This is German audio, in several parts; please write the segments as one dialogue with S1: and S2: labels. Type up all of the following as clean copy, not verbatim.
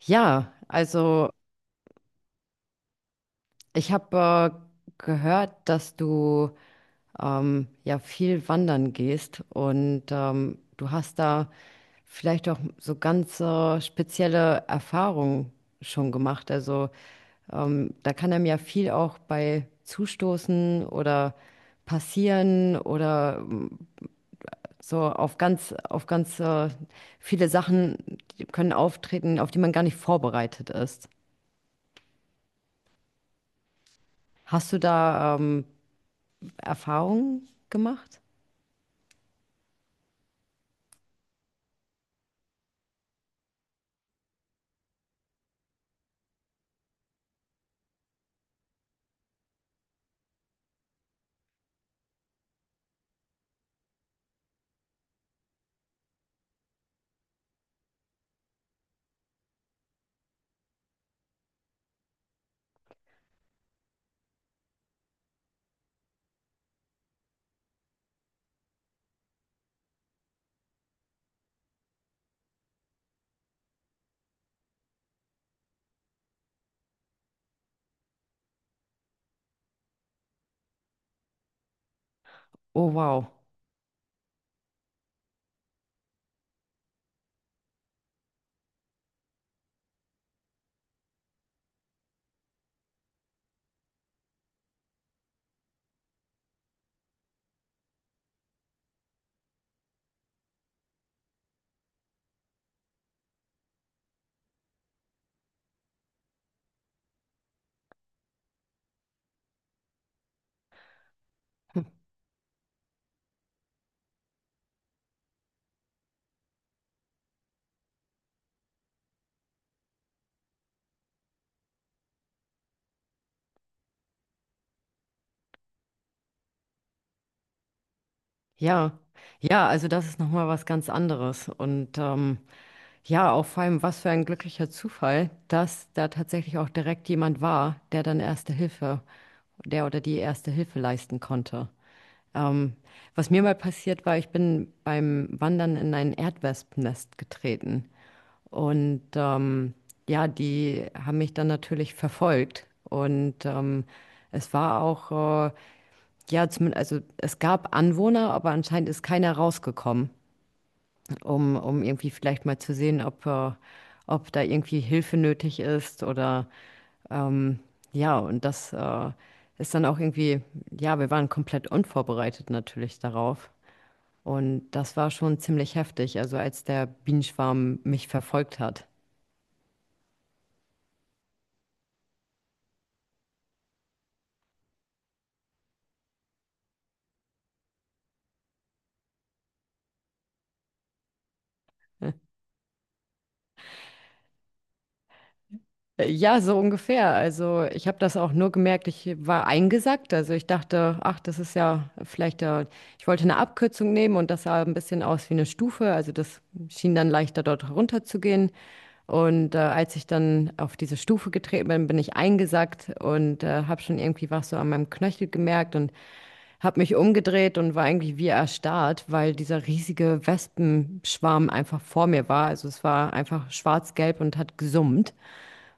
S1: Ja, also ich habe gehört, dass du ja viel wandern gehst, und du hast da vielleicht auch so ganz spezielle Erfahrungen schon gemacht. Also da kann einem ja viel auch bei zustoßen oder passieren, oder so auf ganz viele Sachen die können auftreten, auf die man gar nicht vorbereitet ist. Hast du da Erfahrungen gemacht? Oh, wow. Ja, ja, also das ist nochmal was ganz anderes. Und ja, auch vor allem, was für ein glücklicher Zufall, dass da tatsächlich auch direkt jemand war, der dann Erste Hilfe, der oder die Erste Hilfe leisten konnte. Ähm, Was mir mal passiert war, ich bin beim Wandern in ein Erdwespennest getreten. Und ja, die haben mich dann natürlich verfolgt. Und es war auch ja, zumindest, also es gab Anwohner, aber anscheinend ist keiner rausgekommen, um irgendwie vielleicht mal zu sehen, ob da irgendwie Hilfe nötig ist, oder ähm, ja, und das ist dann auch irgendwie, ja, wir waren komplett unvorbereitet natürlich darauf. Und das war schon ziemlich heftig, also als der Bienenschwarm mich verfolgt hat. Ja, so ungefähr. Also ich habe das auch nur gemerkt, ich war eingesackt. Also ich dachte, ach, das ist ja vielleicht, ich wollte eine Abkürzung nehmen, und das sah ein bisschen aus wie eine Stufe. Also das schien dann leichter dort runter zu gehen. Und als ich dann auf diese Stufe getreten bin, bin ich eingesackt und habe schon irgendwie was so an meinem Knöchel gemerkt und habe mich umgedreht und war eigentlich wie erstarrt, weil dieser riesige Wespenschwarm einfach vor mir war. Also es war einfach schwarz-gelb und hat gesummt.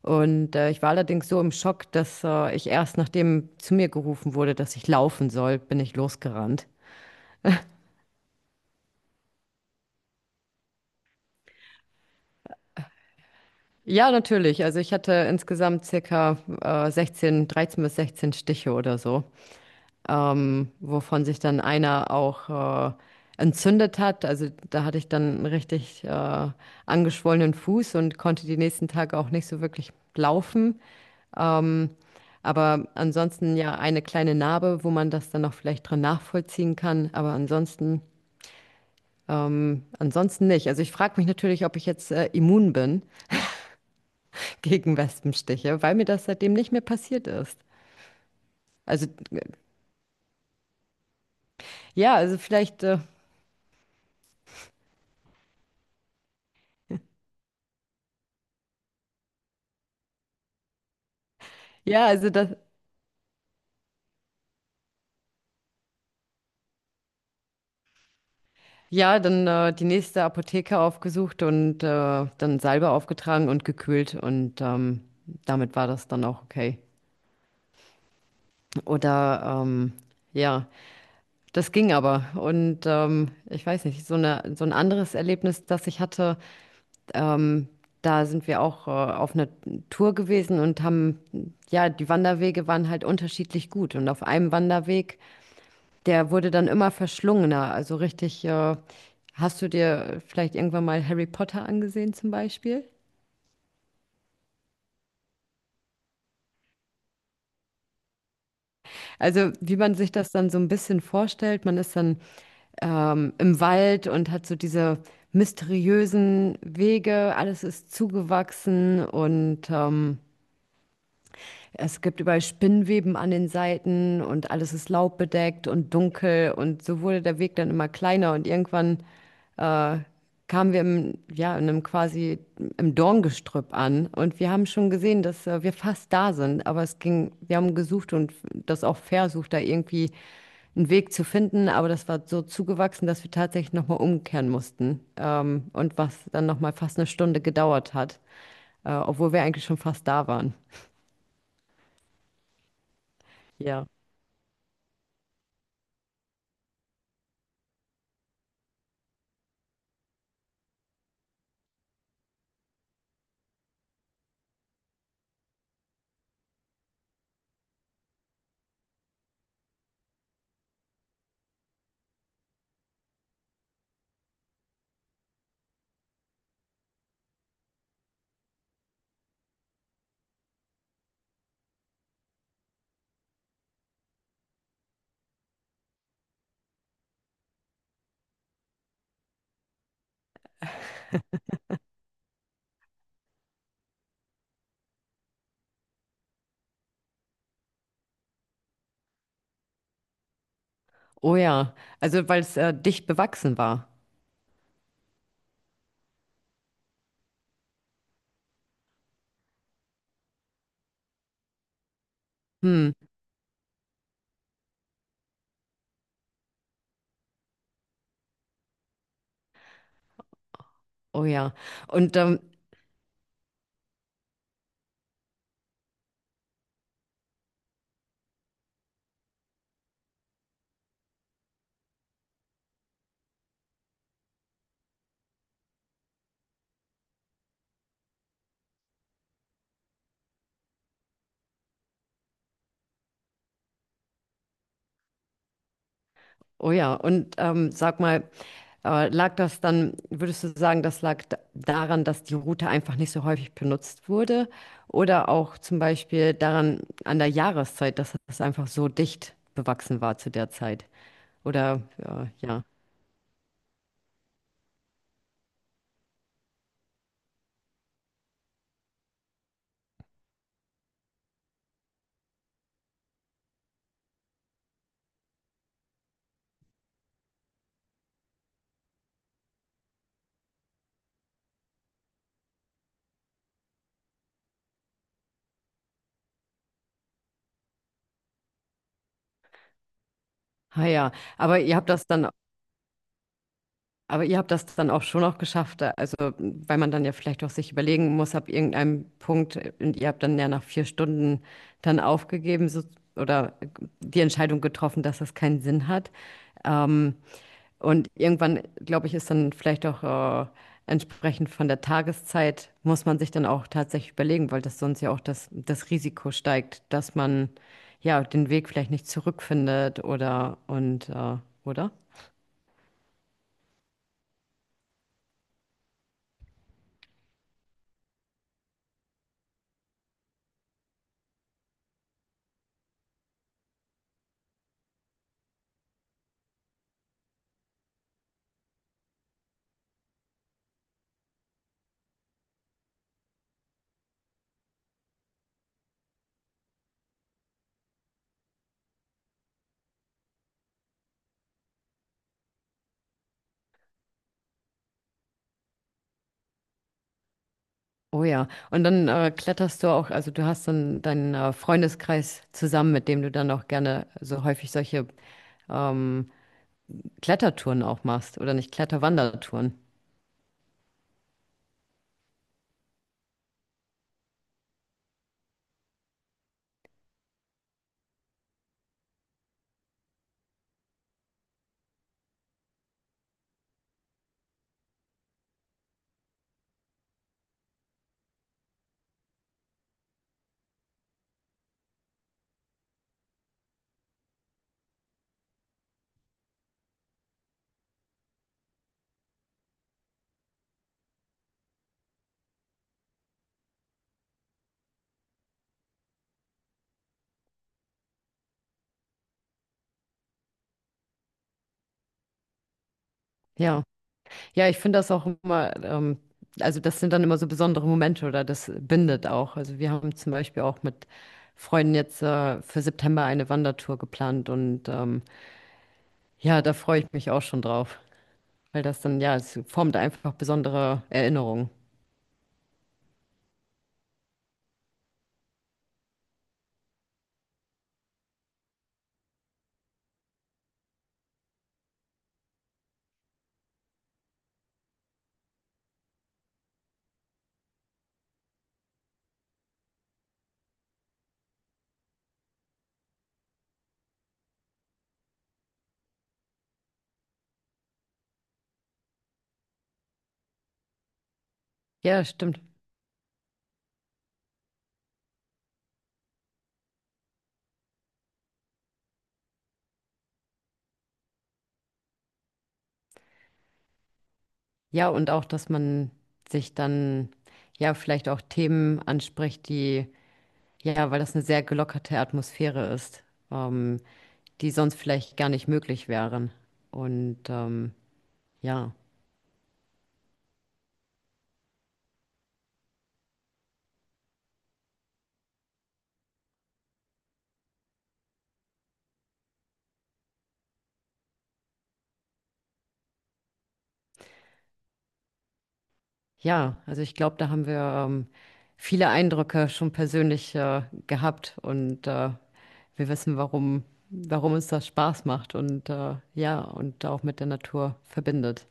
S1: Und ich war allerdings so im Schock, dass ich erst, nachdem zu mir gerufen wurde, dass ich laufen soll, bin ich losgerannt. Ja, natürlich. Also ich hatte insgesamt circa 16, 13 bis 16 Stiche oder so, wovon sich dann einer auch entzündet hat. Also da hatte ich dann einen richtig angeschwollenen Fuß und konnte die nächsten Tage auch nicht so wirklich laufen. Aber ansonsten ja eine kleine Narbe, wo man das dann noch vielleicht drin nachvollziehen kann. Ansonsten nicht. Also ich frage mich natürlich, ob ich jetzt immun bin gegen Wespenstiche, weil mir das seitdem nicht mehr passiert ist. Also ja, also vielleicht, ja, also das, ja, dann die nächste Apotheke aufgesucht und dann Salbe aufgetragen und gekühlt und damit war das dann auch okay. Oder ja, das ging aber. Und ich weiß nicht, so ein anderes Erlebnis, das ich hatte. Ähm, Da sind wir auch auf einer Tour gewesen und haben, ja, die Wanderwege waren halt unterschiedlich gut. Und auf einem Wanderweg, der wurde dann immer verschlungener. Also richtig, hast du dir vielleicht irgendwann mal Harry Potter angesehen zum Beispiel? Also wie man sich das dann so ein bisschen vorstellt, man ist dann im Wald und hat so diese mysteriösen Wege, alles ist zugewachsen, und es gibt überall Spinnweben an den Seiten und alles ist laubbedeckt und dunkel. Und so wurde der Weg dann immer kleiner, und irgendwann kamen wir ja, in einem quasi im Dorngestrüpp an, und wir haben schon gesehen, dass wir fast da sind, aber es ging, wir haben gesucht und das auch versucht, da irgendwie einen Weg zu finden, aber das war so zugewachsen, dass wir tatsächlich nochmal umkehren mussten, und was dann nochmal fast 1 Stunde gedauert hat, obwohl wir eigentlich schon fast da waren. Ja. Oh ja, also weil es dicht bewachsen war. Hm. Oh ja. Und oh ja, und sag mal, lag das dann, würdest du sagen, das lag daran, dass die Route einfach nicht so häufig benutzt wurde? Oder auch zum Beispiel daran, an der Jahreszeit, dass es einfach so dicht bewachsen war zu der Zeit? Oder ja. Ah ja, aber ihr habt das dann Aber ihr habt das dann auch schon auch geschafft, also weil man dann ja vielleicht auch sich überlegen muss, ab irgendeinem Punkt, und ihr habt dann ja nach 4 Stunden dann aufgegeben so, oder die Entscheidung getroffen, dass das keinen Sinn hat. Ähm, und irgendwann, glaube ich, ist dann vielleicht auch äh, entsprechend von der Tageszeit, muss man sich dann auch tatsächlich überlegen, weil das sonst ja auch das Risiko steigt, dass man ja den Weg vielleicht nicht zurückfindet, oder und oder? Oh ja, und dann kletterst du auch, also du hast deinen Freundeskreis zusammen, mit dem du dann auch gerne so häufig solche ähm, Klettertouren auch machst, oder nicht Kletterwandertouren. Ja, ja, ich finde das auch immer, also das sind dann immer so besondere Momente, oder das bindet auch. Also wir haben zum Beispiel auch mit Freunden jetzt für September eine Wandertour geplant, und ja, da freue ich mich auch schon drauf, weil das dann, ja, es formt einfach besondere Erinnerungen. Ja, stimmt. Ja, und auch, dass man sich dann ja vielleicht auch Themen anspricht, die, ja, weil das eine sehr gelockerte Atmosphäre ist, ähm, die sonst vielleicht gar nicht möglich wären. Und ja, ja, also ich glaube, da haben wir ähm, viele Eindrücke schon persönlich gehabt und wir wissen, warum uns das Spaß macht, und ja, und auch mit der Natur verbindet.